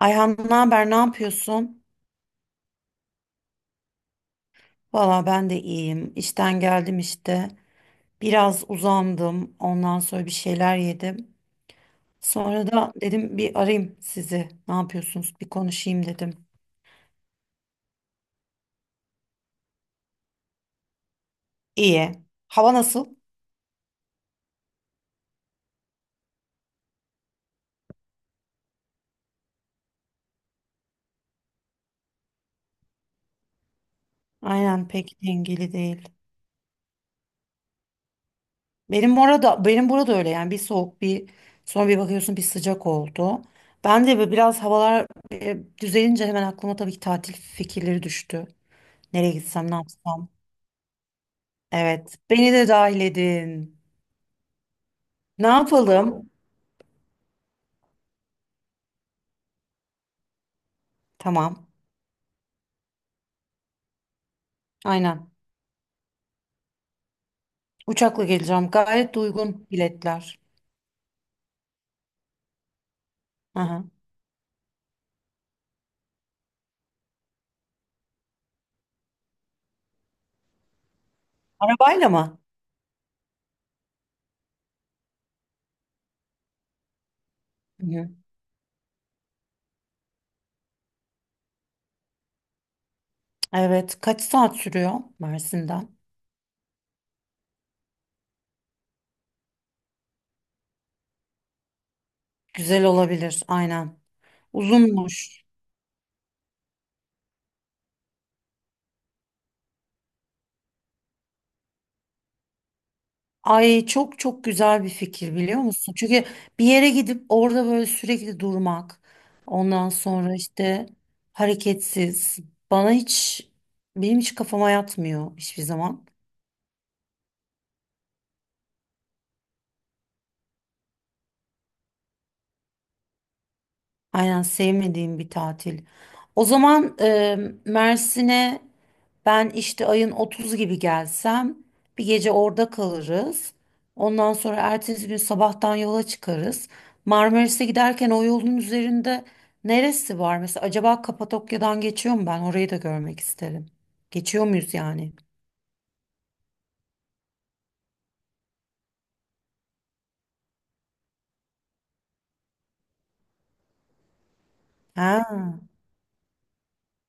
Ayhan ne haber, ne yapıyorsun? Valla ben de iyiyim. İşten geldim işte. Biraz uzandım. Ondan sonra bir şeyler yedim. Sonra da dedim bir arayayım sizi. Ne yapıyorsunuz? Bir konuşayım dedim. İyi. Hava nasıl? Aynen pek dengeli değil. Benim burada öyle, yani bir soğuk, bir sonra bir bakıyorsun bir sıcak oldu. Ben de böyle biraz havalar düzelince hemen aklıma tabii ki tatil fikirleri düştü. Nereye gitsem, ne yapsam? Evet, beni de dahil edin. Ne yapalım? Tamam. Aynen. Uçakla geleceğim. Gayet de uygun biletler. Aha. Arabayla mı? Hı. Evet. Kaç saat sürüyor Mersin'den? Güzel olabilir. Aynen. Uzunmuş. Ay, çok çok güzel bir fikir, biliyor musun? Çünkü bir yere gidip orada böyle sürekli durmak. Ondan sonra işte hareketsiz. Bana hiç benim hiç kafama yatmıyor hiçbir zaman. Aynen, sevmediğim bir tatil. O zaman Mersin'e ben işte ayın 30 gibi gelsem bir gece orada kalırız. Ondan sonra ertesi gün sabahtan yola çıkarız. Marmaris'e giderken o yolun üzerinde neresi var? Mesela acaba Kapadokya'dan geçiyor mu ben? Orayı da görmek isterim. Geçiyor muyuz yani? Ha,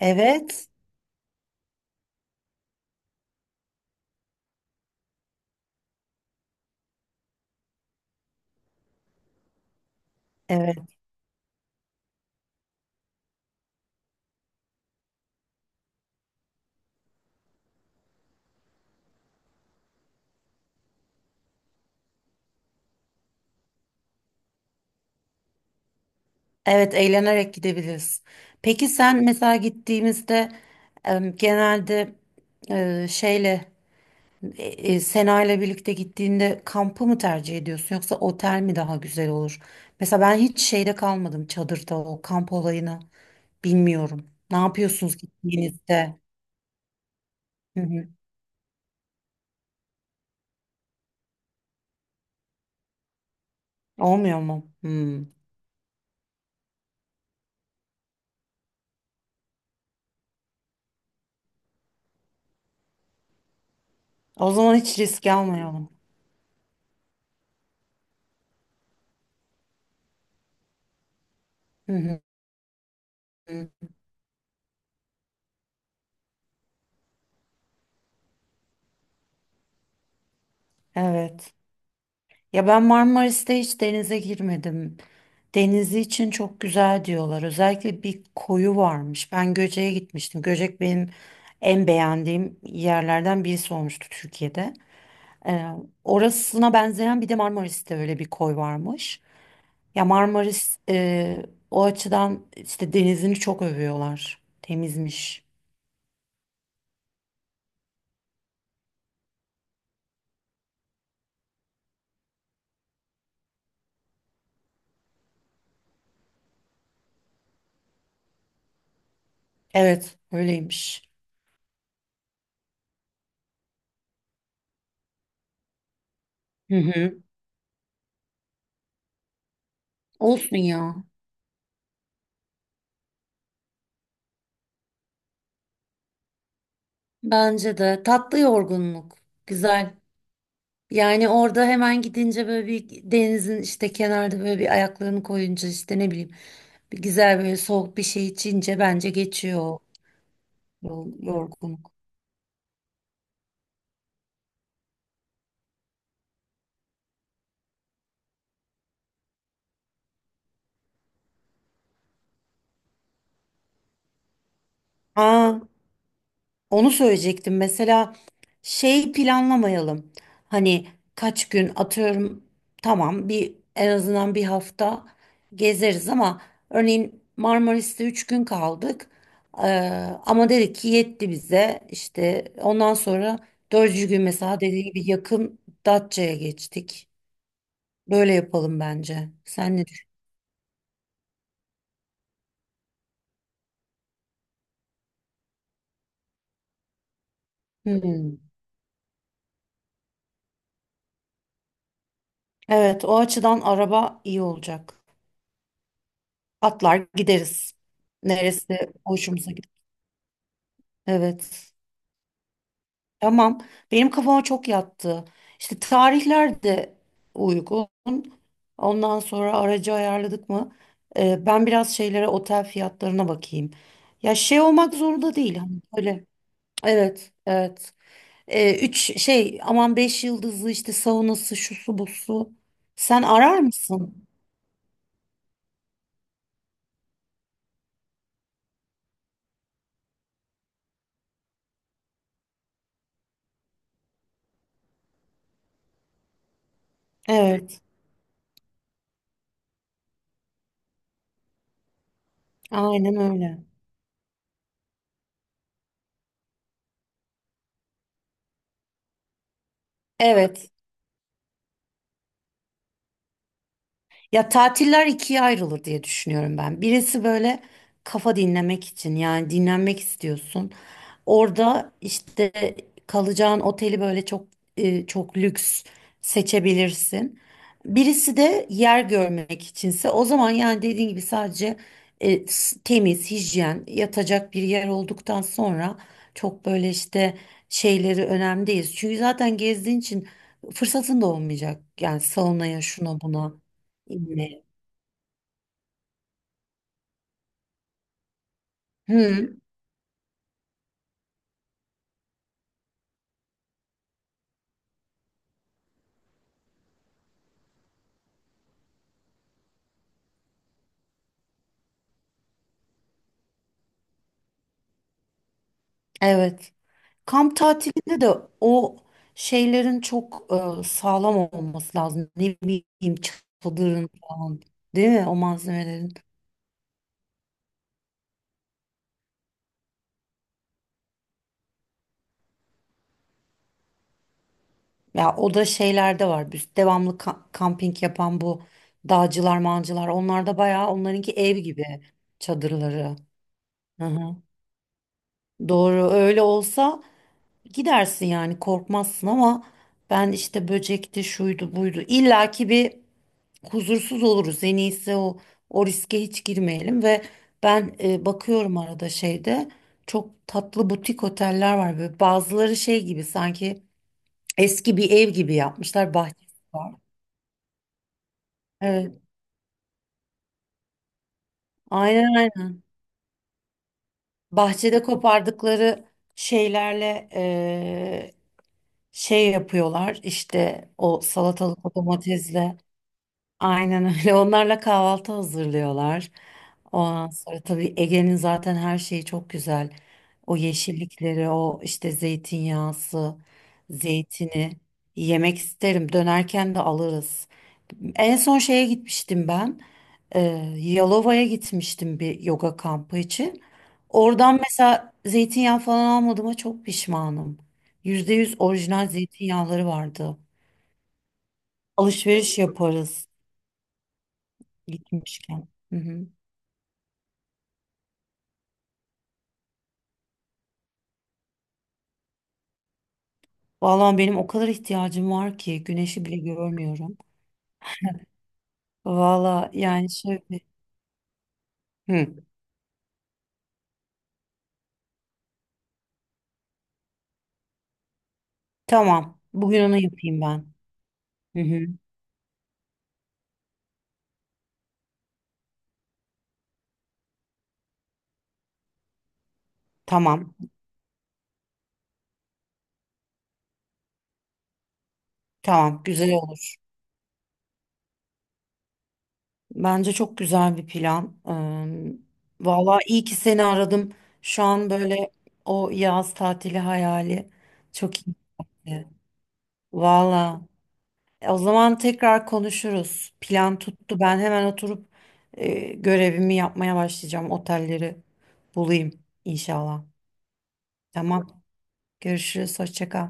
evet. Evet. Evet, eğlenerek gidebiliriz. Peki sen mesela gittiğimizde genelde e, şeyle e, Sena ile birlikte gittiğinde kampı mı tercih ediyorsun, yoksa otel mi daha güzel olur? Mesela ben hiç şeyde kalmadım, çadırda, o kamp olayını bilmiyorum. Ne yapıyorsunuz gittiğinizde? Hı hı. Olmuyor mu? Hmm. O zaman hiç risk almayalım. Hı hı. Evet. Ya ben Marmaris'te hiç denize girmedim. Denizi için çok güzel diyorlar. Özellikle bir koyu varmış. Ben Göcek'e gitmiştim. Göcek benim en beğendiğim yerlerden birisi olmuştu Türkiye'de. Ee, Orasına benzeyen bir de Marmaris'te öyle bir koy varmış. Ya Marmaris o açıdan işte denizini çok övüyorlar. Temizmiş. Evet, öyleymiş. Hı hı. Olsun ya. Bence de tatlı yorgunluk. Güzel. Yani orada hemen gidince böyle bir denizin işte kenarda böyle bir ayaklarını koyunca işte ne bileyim, bir güzel böyle soğuk bir şey içince bence geçiyor o yorgunluk. Aa, onu söyleyecektim. Mesela şey planlamayalım. Hani kaç gün, atıyorum, tamam bir, en azından bir hafta gezeriz ama örneğin Marmaris'te 3 gün kaldık. Ee, Ama dedik ki yetti bize. İşte ondan sonra dördüncü gün mesela dediğim gibi yakın Datça'ya geçtik. Böyle yapalım bence. Sen ne düşünüyorsun? Hmm. Evet, o açıdan araba iyi olacak. Atlar gideriz. Neresi hoşumuza. Evet. Tamam. Benim kafama çok yattı. İşte tarihler de uygun. Ondan sonra aracı ayarladık mı? Ben biraz şeylere, otel fiyatlarına bakayım. Ya şey olmak zorunda değil. Hani böyle. Evet, evet. Üç şey aman, beş yıldızlı işte saunası şusu busu. Sen arar mısın? Evet. Aynen öyle. Evet. Ya tatiller ikiye ayrılır diye düşünüyorum ben. Birisi böyle kafa dinlemek için, yani dinlenmek istiyorsun. Orada işte kalacağın oteli böyle çok çok lüks seçebilirsin. Birisi de yer görmek içinse, o zaman yani dediğin gibi sadece temiz, hijyen, yatacak bir yer olduktan sonra çok böyle işte şeyleri önemli değil. Çünkü zaten gezdiğin için fırsatın da olmayacak. Yani salonaya şuna buna inmeye. Hı, evet. Kamp tatilinde de o şeylerin çok sağlam olması lazım. Ne bileyim, çadırın falan. Değil mi, o malzemelerin? Ya o da şeylerde var. Biz devamlı kamping yapan bu dağcılar, mancılar. Onlar da bayağı, onlarınki ev gibi çadırları. Hı hı. Doğru, öyle olsa gidersin yani, korkmazsın ama ben işte böcekti şuydu buydu illaki bir huzursuz oluruz. En iyisi o, o riske hiç girmeyelim ve ben bakıyorum arada şeyde çok tatlı butik oteller var, böyle bazıları şey gibi sanki eski bir ev gibi yapmışlar, bahçesi var. Evet, aynen aynen, bahçede kopardıkları şeylerle şey yapıyorlar işte, o salatalık o domatesle, aynen öyle, onlarla kahvaltı hazırlıyorlar. Ondan sonra tabii Ege'nin zaten her şeyi çok güzel. O yeşillikleri, o işte zeytinyağısı, zeytini yemek isterim. Dönerken de alırız. En son şeye gitmiştim ben. Ee, Yalova'ya gitmiştim bir yoga kampı için. Oradan mesela zeytinyağı falan almadığıma çok pişmanım. Yüzde yüz orijinal zeytinyağları vardı. Alışveriş yaparız gitmişken. Hı hı. Vallahi benim o kadar ihtiyacım var ki, güneşi bile görmüyorum. Vallahi yani şöyle. Hı, tamam. Bugün onu yapayım ben. Hı hı. Tamam. Tamam. Güzel olur. Bence çok güzel bir plan. Vallahi iyi ki seni aradım. Şu an böyle o yaz tatili hayali çok iyi. Valla. E, o zaman tekrar konuşuruz. Plan tuttu. Ben hemen oturup görevimi yapmaya başlayacağım. Otelleri bulayım inşallah. Tamam. Görüşürüz. Hoşça kal.